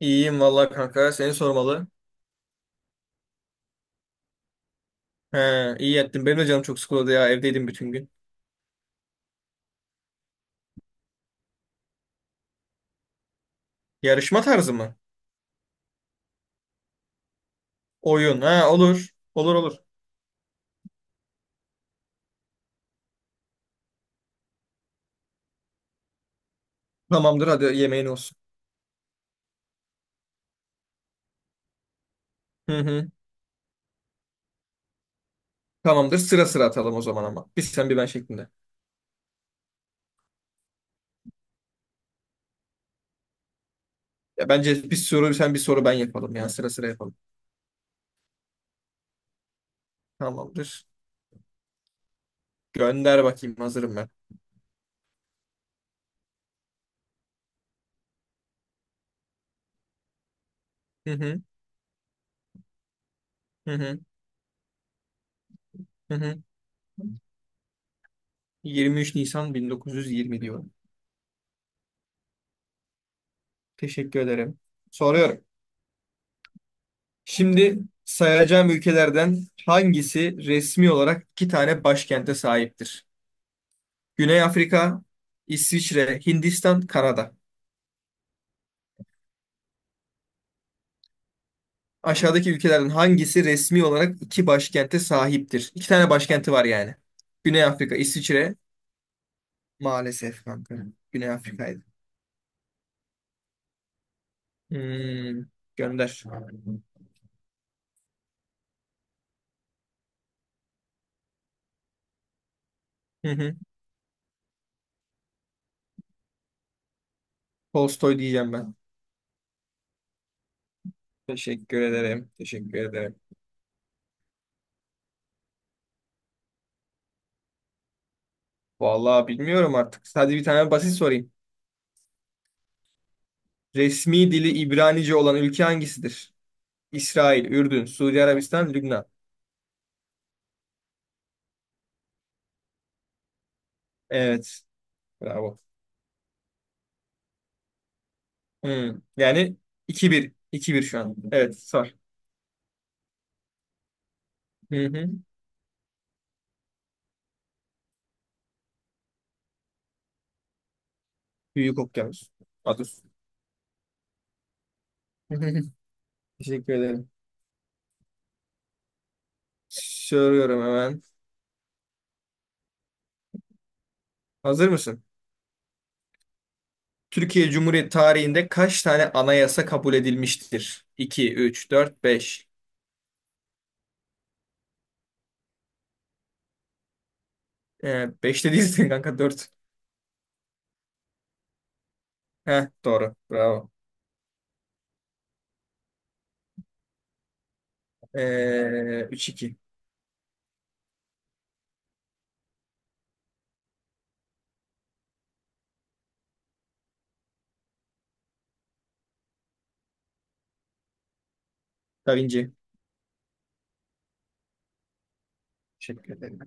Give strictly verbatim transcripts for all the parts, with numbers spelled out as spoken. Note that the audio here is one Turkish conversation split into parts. İyiyim vallahi kanka. Seni sormalı. He, iyi ettin. Benim de canım çok sıkıldı ya. Evdeydim bütün gün. Yarışma tarzı mı? Oyun. Ha, olur. Olur olur. Tamamdır, hadi yemeğin olsun. Hı hı. Tamamdır. Sıra sıra atalım o zaman ama. Bir sen bir ben şeklinde. Ya bence bir soru sen bir soru ben yapalım ya. Sıra sıra yapalım. Tamamdır. Gönder bakayım. Hazırım ben. Hı hı. Hı hı. Hı hı. yirmi üç Nisan bin dokuz yüz yirmi diyorum. Teşekkür ederim. Soruyorum. Şimdi sayacağım ülkelerden hangisi resmi olarak iki tane başkente sahiptir? Güney Afrika, İsviçre, Hindistan, Kanada. Aşağıdaki ülkelerden hangisi resmi olarak iki başkente sahiptir? İki tane başkenti var yani. Güney Afrika, İsviçre. Maalesef kanka. Güney Afrika'ydı. Hmm, gönder. Hı hı. Tolstoy diyeceğim ben. Teşekkür ederim. Teşekkür ederim. Vallahi bilmiyorum artık. Hadi bir tane basit sorayım. Resmi dili İbranice olan ülke hangisidir? İsrail, Ürdün, Suudi Arabistan, Lübnan. Evet. Bravo. Hmm. Yani iki bir, iki bir şu an. Evet. Sar. Hı hı. Büyük okyanus. Ados. Teşekkür ederim. Soruyorum hemen. Hazır mısın? Türkiye Cumhuriyeti tarihinde kaç tane anayasa kabul edilmiştir? iki, üç, dört, beş. Ee, beş değilsin kanka dört. Heh, doğru. Bravo. Ee, üç, iki. Da Vinci. Teşekkür ederim.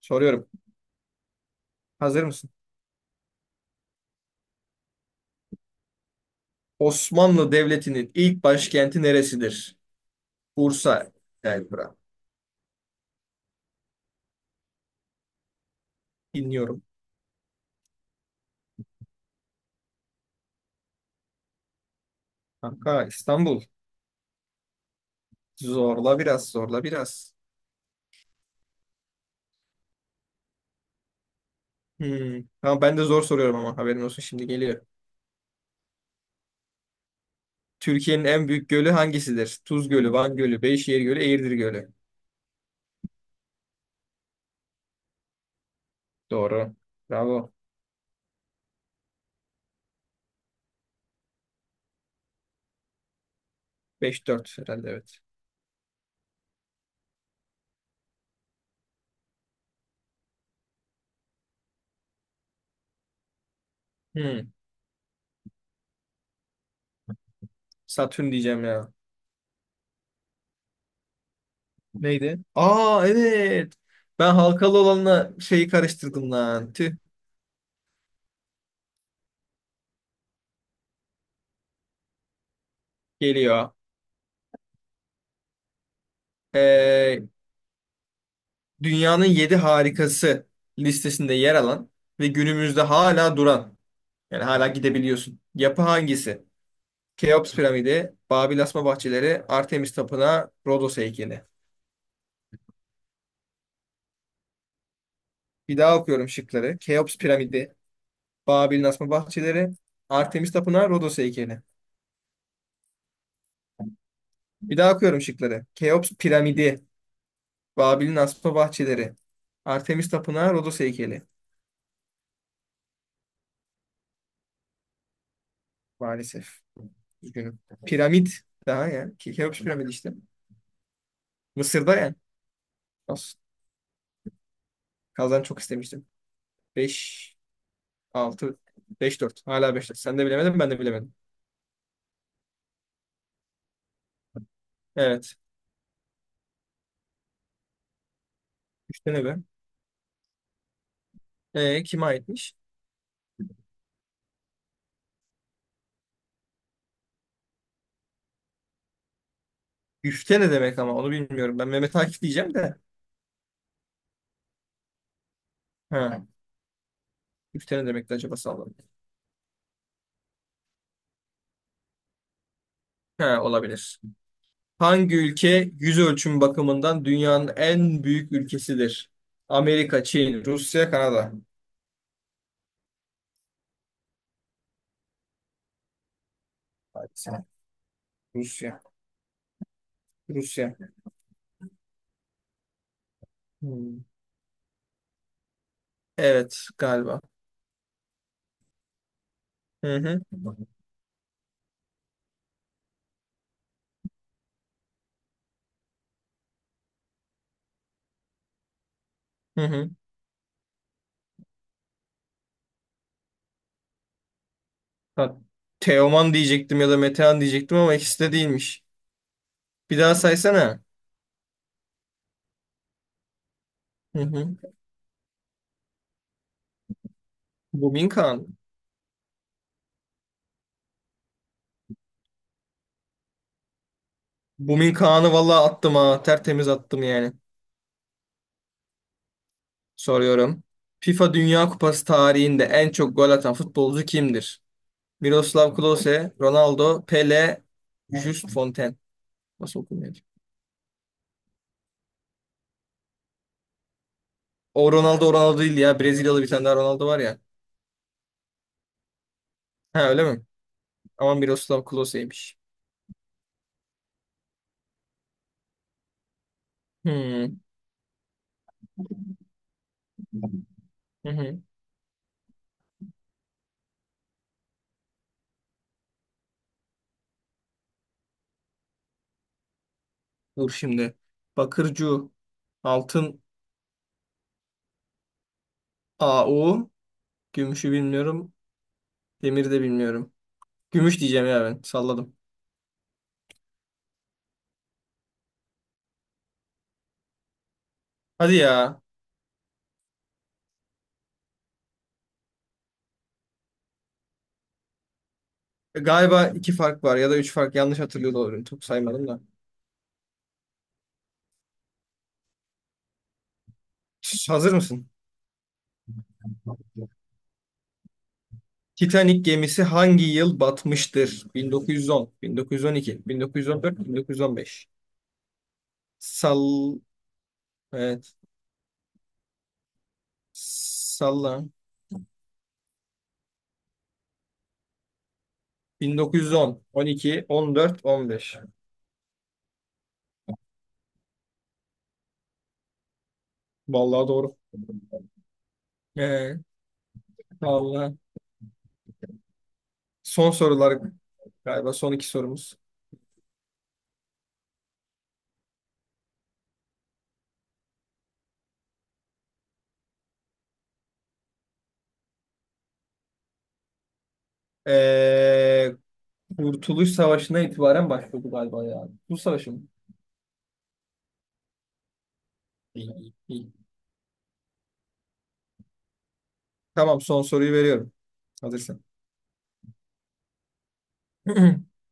Soruyorum. Hazır mısın? Osmanlı Devleti'nin ilk başkenti neresidir? Bursa, Elbra. Dinliyorum. Kanka İstanbul. Zorla biraz, zorla biraz. Hmm. Tamam, ben de zor soruyorum ama haberin olsun, şimdi geliyor. Türkiye'nin en büyük gölü hangisidir? Tuz Gölü, Van Gölü, Beyşehir Gölü, Eğirdir Gölü. Doğru. Bravo. Beş dört herhalde, evet. Hmm. Satürn diyeceğim ya. Neydi? Aa, evet. Ben halkalı olanla şeyi karıştırdım lan. Tüh. Geliyor. Ee, dünyanın yedi harikası listesinde yer alan ve günümüzde hala duran, yani hala gidebiliyorsun. Yapı hangisi? Keops piramidi, Babil asma bahçeleri, Artemis tapınağı, Rodos heykeli. Bir daha okuyorum şıkları. Keops piramidi, Babil'in asma bahçeleri, Artemis tapınağı, Rodos heykeli. Bir daha okuyorum şıkları. Keops piramidi, Babil'in asma bahçeleri, Artemis tapınağı, Rodos heykeli. Maalesef. Üzgünüm. Piramit daha yani. Ke- Keops piramidi işte. Mısır'da yani. Nasıl Kazan çok istemiştim. Beş altı, beş dört. Hala beş, dört. Sen de bilemedin, ben de bilemedim. Evet. üç tane be. E, kime aitmiş? üç tane demek ama onu bilmiyorum. Ben Mehmet Akif diyeceğim de. Ha. üç tane demek de, acaba sallam. Ha, olabilir. Hangi ülke yüz ölçümü bakımından dünyanın en büyük ülkesidir? Amerika, Çin, Rusya, Kanada. Hadi sen. Rusya. Rusya. Hmm. Evet, galiba. Hı hı. Hı hı. Ha, Teoman diyecektim ya da Metehan diyecektim ama ikisi de değilmiş. Bir daha saysana. Hı hı. Bumin Kağan. Bumin Kağan'ı valla attım ha. Tertemiz attım yani. Soruyorum. FIFA Dünya Kupası tarihinde en çok gol atan futbolcu kimdir? Miroslav Klose, Ronaldo, Pele, Just Fontaine. Nasıl okunuyor? O Ronaldo o Ronaldo değil ya. Brezilyalı bir tane daha Ronaldo var ya. Ha, öyle mi? Ama Miroslav Klose'ymiş. Hmm. Hı hı. Dur şimdi. Bakırcu. Altın a u. Gümüşü bilmiyorum. Demiri de bilmiyorum. Gümüş diyeceğim ya ben. Salladım. Hadi ya. E, galiba iki fark var ya da üç fark. Yanlış hatırlıyor da olabilirim. Çok saymadım da. Şş, hazır mısın? Titanic gemisi hangi yıl batmıştır? bin dokuz yüz on, bin dokuz yüz on iki, bin dokuz yüz on dört, bin dokuz yüz on beş. Sal... Evet. Salla. bin dokuz yüz on, on iki, on dört, on beş. Vallahi doğru. Ee, vallahi. Son sorular galiba son iki sorumuz. Ee, Kurtuluş Savaşı'na itibaren başladı galiba ya. Bu savaşı mı? İyi, iyi, iyi. Tamam, son soruyu veriyorum. Hazırsın.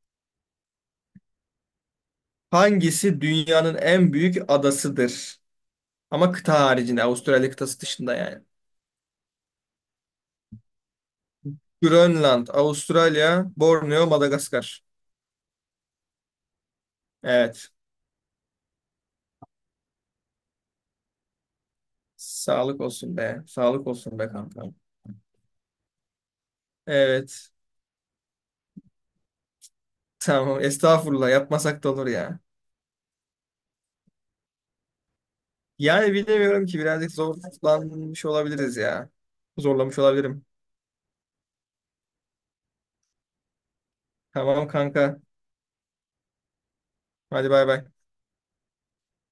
Hangisi dünyanın en büyük adasıdır? Ama kıta haricinde, Avustralya kıtası dışında yani. Grönland, Avustralya, Borneo, Madagaskar. Evet. Sağlık olsun be. Sağlık olsun be kanka. Evet. Tamam. Estağfurullah. Yapmasak da olur ya. Yani bilemiyorum ki, birazcık zorlanmış olabiliriz ya. Zorlamış olabilirim. Tamam kanka. Hadi bay bay.